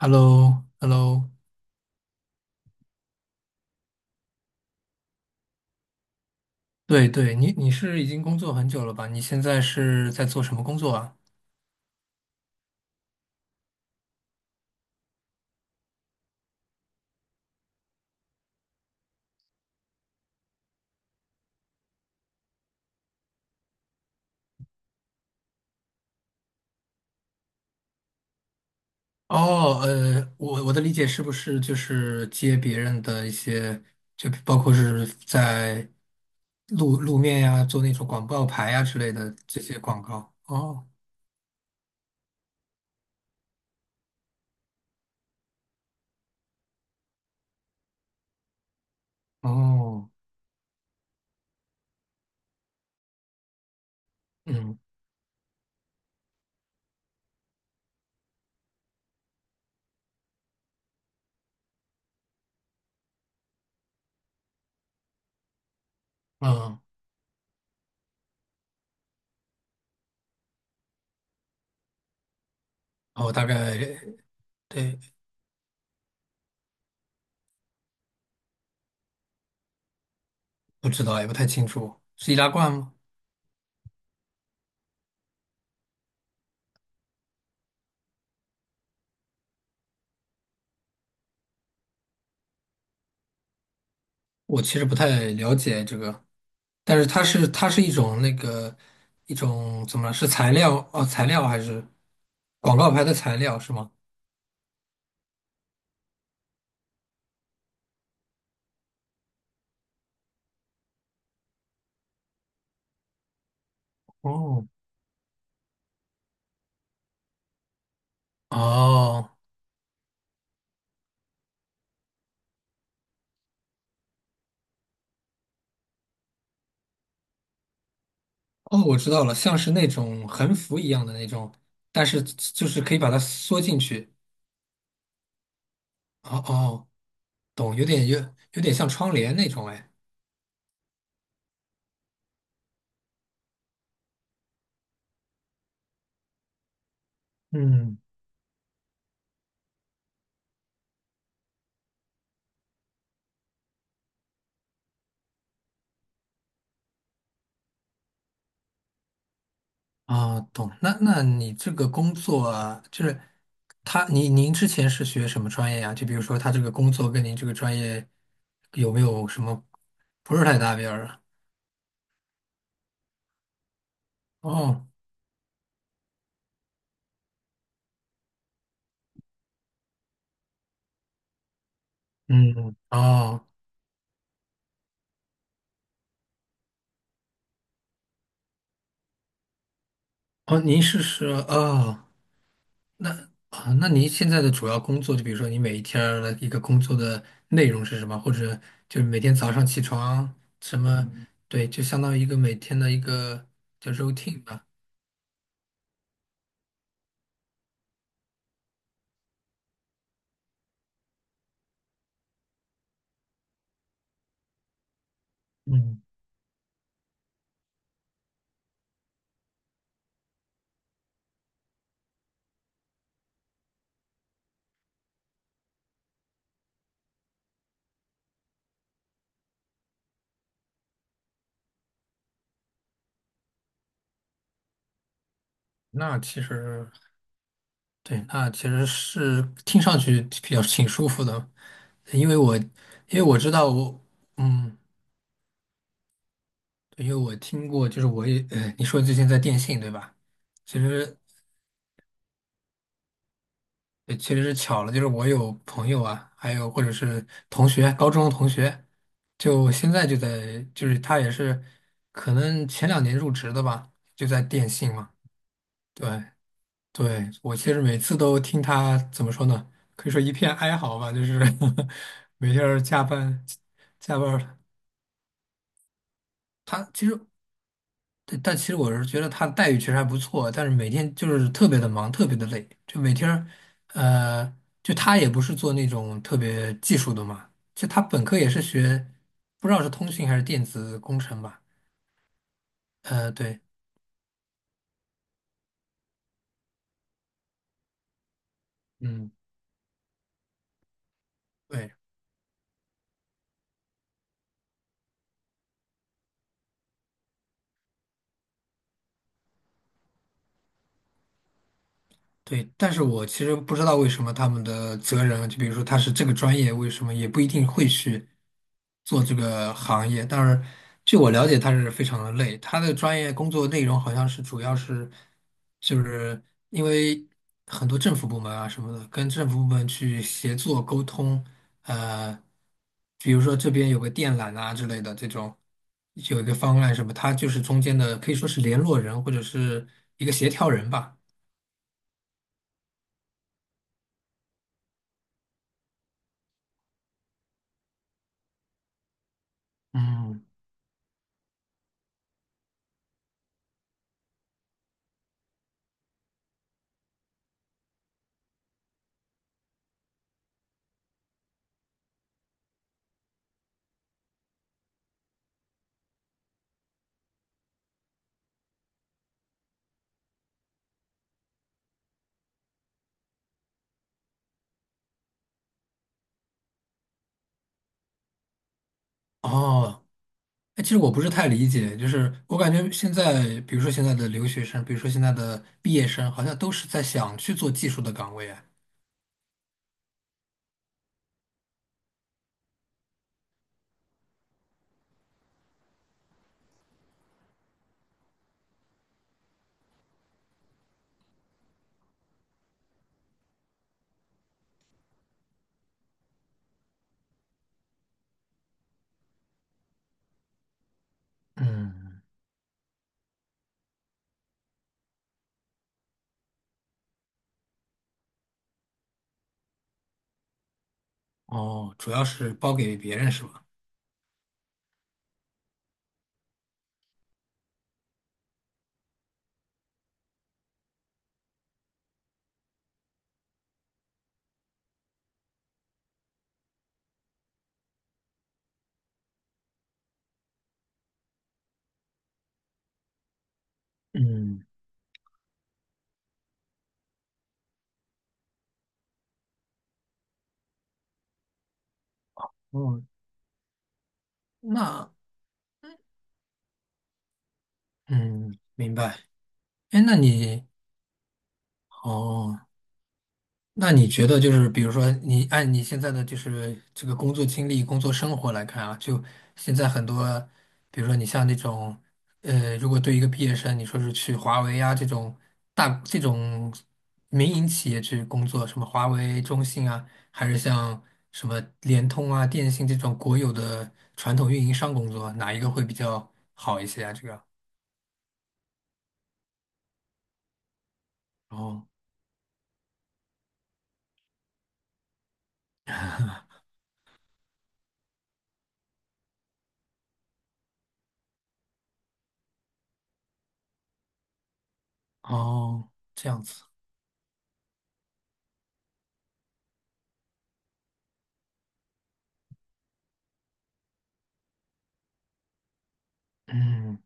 h e l l o h e l l o 对对，你是已经工作很久了吧？你现在是在做什么工作啊？哦，我的理解是不是就是接别人的一些，就包括是在路面呀，做那种广告牌呀之类的这些广告？哦哦，嗯嗯，哦我大概对不知道，也不太清楚，是易拉罐吗？我其实不太了解这个，但是它是一种那个一种怎么了？是材料哦，材料还是广告牌的材料是吗？哦哦哦，我知道了，像是那种横幅一样的那种，但是就是可以把它缩进去。哦哦，懂，有点像窗帘那种哎。嗯。啊，懂。那那你这个工作啊，就是他，您之前是学什么专业啊？就比如说他这个工作跟您这个专业有没有什么不是太搭边儿啊？哦，嗯，哦，哦，您是是哦，那啊，那您现在的主要工作，就比如说你每一天儿的一个工作的内容是什么？或者就是每天早上起床什么？嗯对，就相当于一个每天的一个叫 routine 吧。嗯，那其实。对，那其实是听上去比较挺舒服的，因为我知道我嗯，对因为我听过，就是我也你说最近在电信对吧？其实对其实是巧了，就是我有朋友啊，还有或者是同学，高中同学，就现在就在就是他也是可能前两年入职的吧，就在电信嘛，对，对，我其实每次都听他怎么说呢？可以说一片哀嚎吧，就是 每天儿加班加班儿他其实，对但其实我是觉得他的待遇其实还不错，但是每天就是特别的忙，特别的累，就每天儿呃，就他也不是做那种特别技术的嘛，就他本科也是学，不知道是通信还是电子工程吧，对，嗯，对。对，但是我其实不知道为什么他们的责任，就比如说他是这个专业，为什么也不一定会去做这个行业。但是据我了解，他是非常的累，他的专业工作内容好像是主要是，就是因为很多政府部门啊什么的，跟政府部门去协作沟通，呃，比如说这边有个电缆啊之类的这种，有一个方案什么，他就是中间的，可以说是联络人或者是一个协调人吧。嗯。哦，哎，其实我不是太理解，就是我感觉现在，比如说现在的留学生，比如说现在的毕业生，好像都是在想去做技术的岗位啊。嗯，哦，主要是包给别人是吧？嗯，哦，那，嗯，明白。哎，那你，哦。那你觉得就是，比如说你按你现在的就是这个工作经历、工作生活来看啊，就现在很多，比如说你像那种，如果对一个毕业生，你说是去华为啊这种大这种民营企业去工作，什么华为、中兴啊，还是像什么联通啊、电信这种国有的传统运营商工作，哪一个会比较好一些啊？这个？哦哦，这样子，嗯，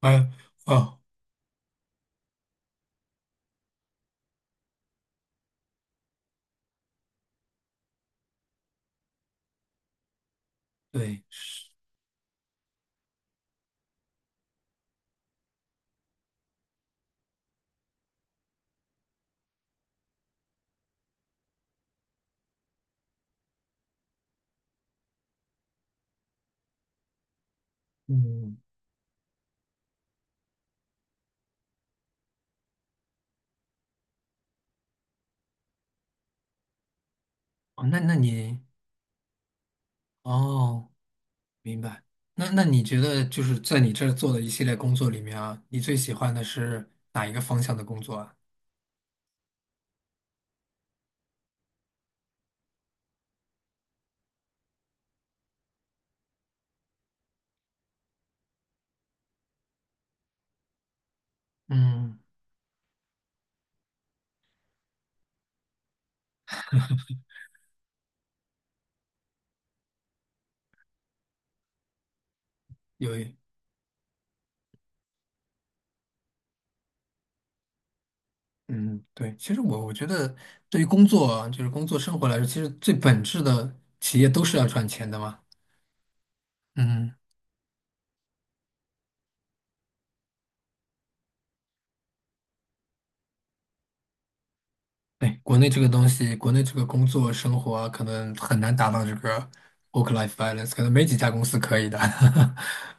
哎哦，对，嗯。哦，那那你哦，明白。那那你觉得就是在你这儿做的一系列工作里面啊，你最喜欢的是哪一个方向的工作啊？嗯，有一，嗯，对。其实我觉得，对于工作啊就是工作生活来说，其实最本质的企业都是要赚钱的嘛。嗯，对，国内这个东西，国内这个工作生活啊可能很难达到这个 work-life balance，可能没几家公司可以的。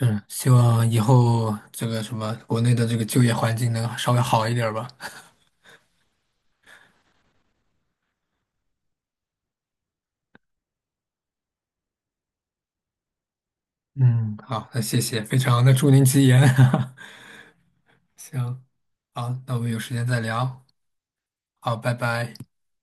嗯，希望以后这个什么国内的这个就业环境能稍微好一点儿吧。嗯，好，那谢谢，非常的祝您吉言。行，好，那我们有时间再聊。好，拜拜。